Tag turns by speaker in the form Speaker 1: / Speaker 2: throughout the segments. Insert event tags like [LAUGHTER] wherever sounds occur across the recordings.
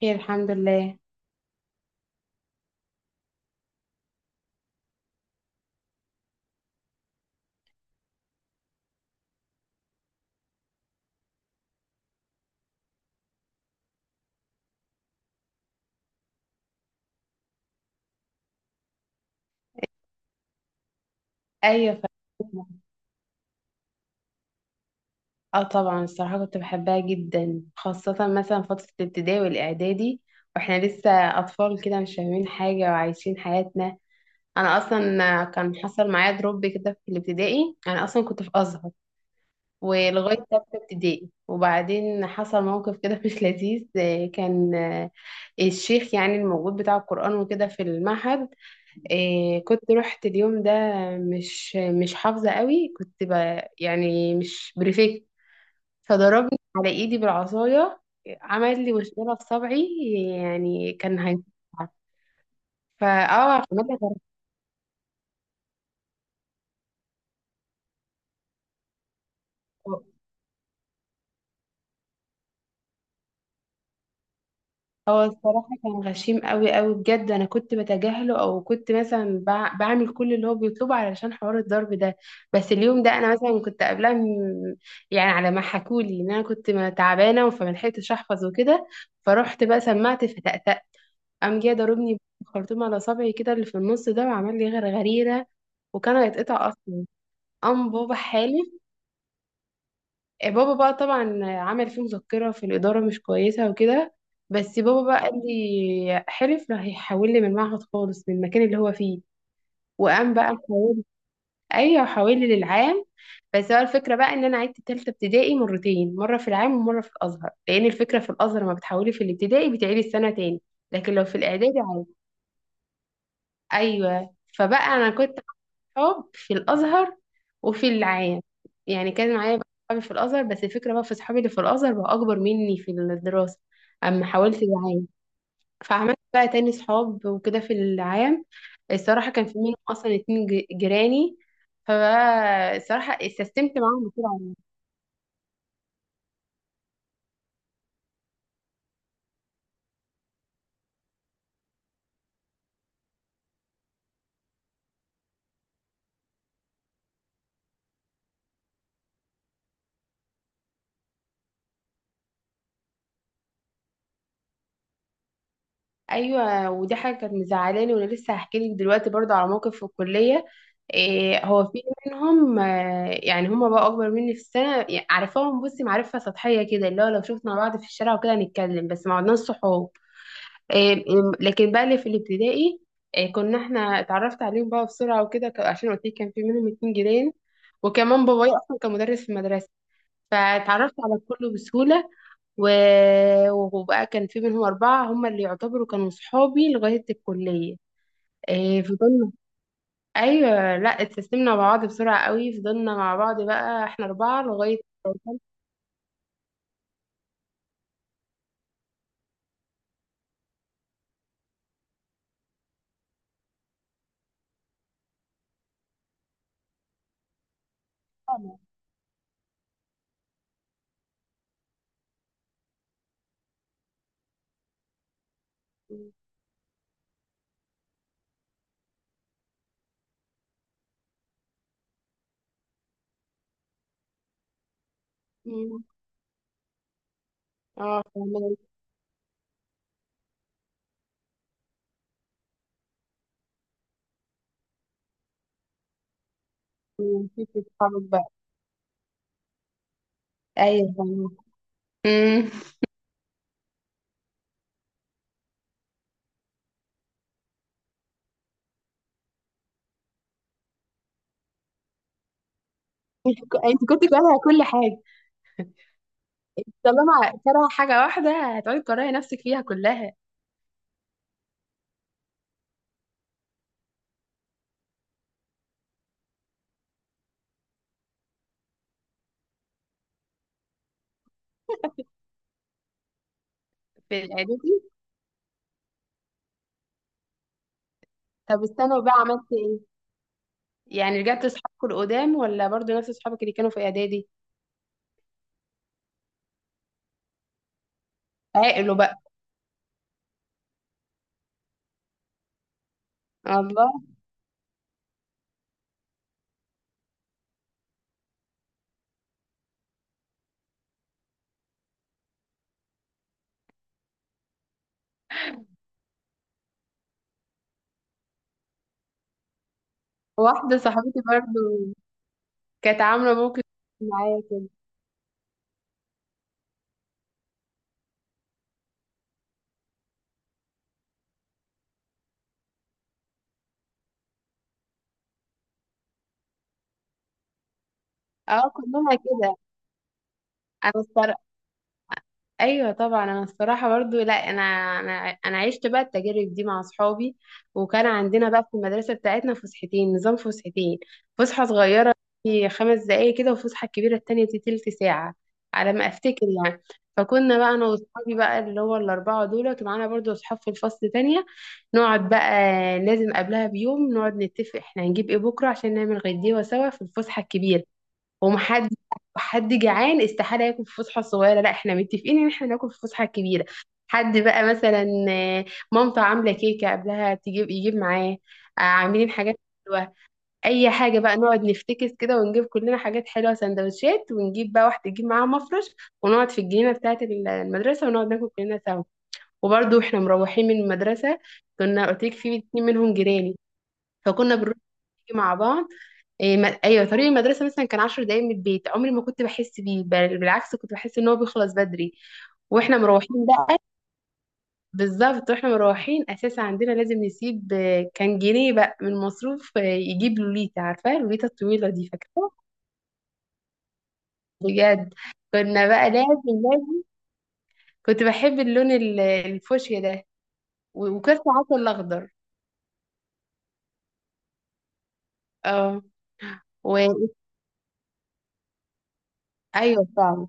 Speaker 1: خير، الحمد لله. ايوه، فاكرة. اه، طبعا الصراحه كنت بحبها جدا، خاصه مثلا فتره الابتدائي والاعدادي، واحنا لسه اطفال كده مش فاهمين حاجه وعايشين حياتنا. انا اصلا كان حصل معايا دروب كده في الابتدائي، انا اصلا كنت في ازهر ولغايه تالتة ابتدائي، وبعدين حصل موقف كده [LAUGHS] مش لذيذ، آه، كان آه، الشيخ يعني الموجود بتاع القران وكده في المعهد. كنت رحت اليوم ده، مش حافظة قوي، كنت يعني مش بريفكت، فضربني على ايدي بالعصاية، عمل لي مشكلة في صبعي، يعني كان هيتقطع. فاه عمل لي جراحة. هو الصراحة كان غشيم قوي قوي بجد، أنا كنت بتجاهله أو كنت مثلا بعمل كل اللي هو بيطلبه علشان حوار الضرب ده. بس اليوم ده أنا مثلا كنت قبلها يعني على ما حكولي إن أنا كنت تعبانة، فما لحقتش أحفظ وكده، فرحت بقى سمعت فتأتأ، قام جه ضربني بخرطوم على صبعي كده اللي في النص ده، وعمل لي غرغريرة، وكان هيتقطع أصلا. قام بابا حالي. بابا بقى طبعا عمل فيه مذكرة في الإدارة مش كويسة وكده، بس بابا بقى قال لي، حلف لا هيحول لي من المعهد خالص من المكان اللي هو فيه. وقام بقى محول. أيوه، حول لي للعام. بس هو الفكرة بقى إن أنا عدت تالتة ابتدائي مرتين، مرة في العام ومرة في الأزهر، لأن الفكرة في الأزهر لما بتحولي في الابتدائي بتعيدي السنة تاني، لكن لو في الإعدادي عادي. أيوه، فبقى أنا كنت صحاب في الازهر وفي العام. يعني كان معايا بقى صحابي في الازهر، بس الفكره بقى في صحابي اللي في الازهر بقى اكبر مني في الدراسه اما حاولت العام. فعملت بقى تاني صحاب وكده في العام. الصراحه كان في منهم اصلا اتنين جيراني، فبقى الصراحه استسلمت معاهم. ايوه، ودي حاجه كانت مزعلاني، وانا لسه هحكي لك دلوقتي برضو على موقف في الكليه. هو في منهم، يعني هما بقى اكبر مني في السنه، يعني عارفاهم بصي معرفه سطحيه كده، اللي هو لو شفنا بعض في الشارع وكده هنتكلم، بس ما عدناش صحاب. إيه لكن بقى اللي في الابتدائي، كنا احنا اتعرفت عليهم بقى بسرعه وكده، عشان قلت لك كان في منهم اتنين جيران، وكمان بابايا اصلا كان مدرس في المدرسه، فاتعرفت على الكل بسهوله. و... وبقى كان في منهم أربعة هم اللي يعتبروا كانوا صحابي لغاية الكلية. فضلنا، أيوة لا، اتسلمنا مع بعض بسرعة قوي، فضلنا مع بعض بقى احنا أربعة لغاية. مم. اه، فهمت. نسيت اصحابك بقى. ايوه، فهمت. مم. [LAUGHS] انت كنت كارهة كل حاجة. طالما كارهة حاجة واحدة هتقعدي تكرهي نفسك فيها كلها في الإعدادي. طب الثانوي بقى عملت ايه؟ يعني رجعت لأصحابك القدام ولا برضو نفس أصحابك اللي كانوا في إعدادي؟ عاقلوا بقى. الله. واحدة صاحبتي برضو كانت عاملة موقف معايا كده. اه، كلنا كده. انا الصراحة، ايوه طبعا، انا الصراحه برضو، لا، انا انا عشت بقى التجارب دي مع اصحابي، وكان عندنا بقى في المدرسه بتاعتنا فسحتين، نظام فسحتين، فسحه صغيره في 5 دقائق كده، وفسحه كبيره التانية دي تلت ساعه على ما افتكر يعني. فكنا بقى انا واصحابي بقى اللي هو الاربعه دول، ومعانا برضو اصحاب في الفصل تانية، نقعد بقى. لازم قبلها بيوم نقعد نتفق احنا هنجيب ايه بكره عشان نعمل غديوه سوا في الفسحه الكبيره. ومحد حد جعان استحاله ياكل في فسحه صغيره، لا احنا متفقين ان احنا ناكل في فسحه كبيره. حد بقى مثلا، مامته عامله كيكه قبلها تجيب، يجيب معاه. عاملين حاجات حلوه، اي حاجه بقى نقعد نفتكس كده، ونجيب كلنا حاجات حلوه سندوتشات، ونجيب بقى واحده تجيب معاها مفرش، ونقعد في الجنينه بتاعه المدرسه، ونقعد ناكل كلنا سوا. وبرضه احنا مروحين من المدرسه، كنا قلت لك في اتنين منهم جيراني، فكنا بنروح نيجي مع بعض. إيه ما... ايوه، طريق المدرسه مثلا كان 10 دقايق من البيت، عمري ما كنت بحس بيه، بل بالعكس كنت بحس ان هو بيخلص بدري واحنا مروحين بقى. [LAUGHS] بالظبط واحنا مروحين، اساسا عندنا لازم نسيب، كان جنيه بقى من مصروف، يجيب لوليتا، عارفه لوليتا الطويله دي، فاكره بجد. كنا بقى لازم كنت بحب اللون الفوشيا ده، وكان ساعات الاخضر. اه، و... ايوه فعلا.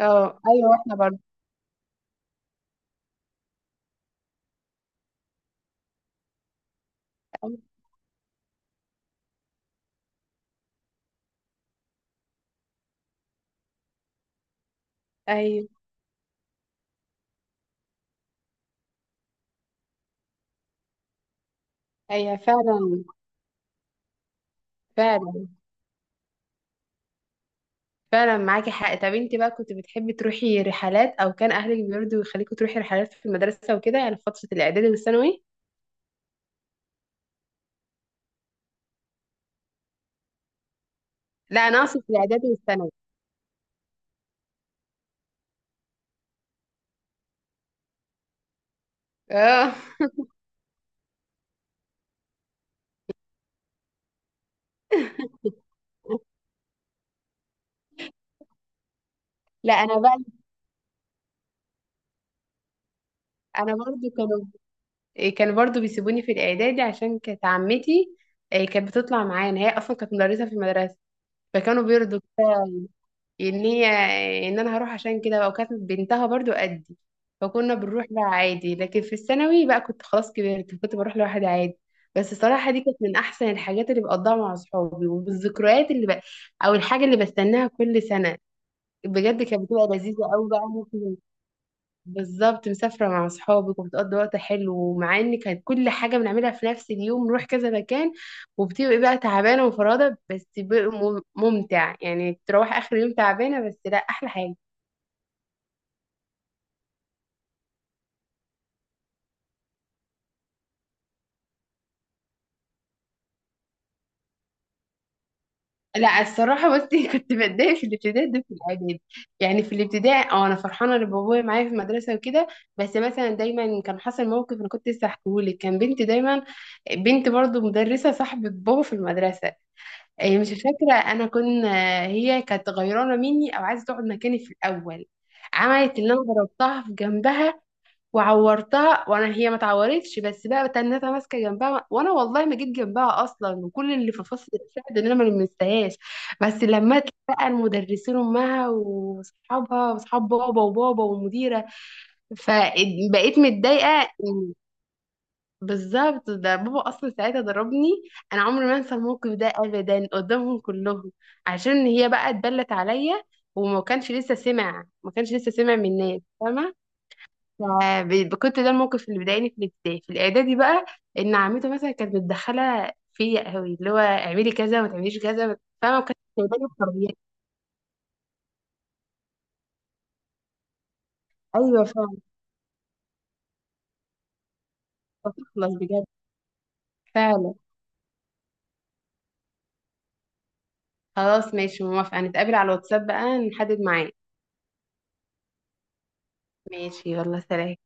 Speaker 1: اه ايوه، واحنا برضه ايوه، ايوه فعلا، فعلا، فعلا معاكي حق. طب انت بقى كنت بتحبي تروحي رحلات او كان اهلك بيرضوا يخليكوا تروحي رحلات في المدرسه وكده، يعني في فتره الاعدادي والثانوي؟ لا، انا اقصد في الاعدادي والثانوي. اه [LAUGHS] لا، انا بقى انا برضو كانوا، كانوا برضو بيسيبوني في الاعدادي عشان كانت عمتي، كانت بتطلع معانا، هي اصلا كانت مدرسه في المدرسه فكانوا بيرضوا ان هي، ان انا هروح. عشان كده بقى، وكانت بنتها برضو قدي، فكنا بنروح بقى عادي. لكن في الثانوي بقى كنت خلاص كبرت كنت بروح لوحدي عادي. بس الصراحة دي كانت من أحسن الحاجات اللي بقضيها مع صحابي، والذكريات اللي بقى أو الحاجة اللي بستناها كل سنة. بجد كانت بتبقى لذيذة أوي بقى. بالظبط، مسافرة مع أصحابك وبتقضي وقت حلو، ومع إن كانت كل حاجة بنعملها في نفس اليوم نروح كذا مكان، وبتبقي بقى تعبانة ومفرهدة، بس بيبقى ممتع، يعني تروح آخر يوم تعبانة، بس لا أحلى حاجة. لا الصراحة بصي [LAUGHS] كنت بتضايق في الابتدائي ده في الإعدادي. يعني في الابتدائي اه أنا فرحانة إن بابايا معايا في المدرسة وكده، بس مثلا دايما كان حصل موقف أنا كنت لسه هحكيهولك. كان بنت دايما بنت برضو مدرسة صاحبة بابا في المدرسة، مش فاكرة أنا هي كانت غيرانة مني أو عايزة تقعد مكاني. في الأول عملت اللي أنا ضربتها في جنبها وعورتها، وأنا هي ما اتعورتش. بس بقى تنتها ماسكة جنبها، وأنا والله ما جيت جنبها أصلا، وكل اللي في فصل ساعد إن أنا ما لمستهاش. بس لما بقى المدرسين أمها وأصحابها وأصحاب بابا وبابا والمديرة، فبقيت متضايقة. بالظبط، ده بابا اصلا ساعتها ضربني. انا عمري ما انسى الموقف ده ابدا قدامهم كلهم عشان هي بقى اتبلت عليا، وما كانش لسه سمع ما كانش لسه سمع من الناس فاهمه. كنت ده الموقف اللي بيضايقني في الابتدائي. في الاعدادي بقى ان عمته مثلا كانت متدخله فيا قوي، اللي هو اعملي كذا ما تعمليش كذا، فاهمه، ما كانتش سايباني بحريتي. ايوه فعلا. تخلص بجد فعلا. خلاص ماشي، موافقه، نتقابل على الواتساب بقى نحدد ميعاد. ماشي، يلا سلام.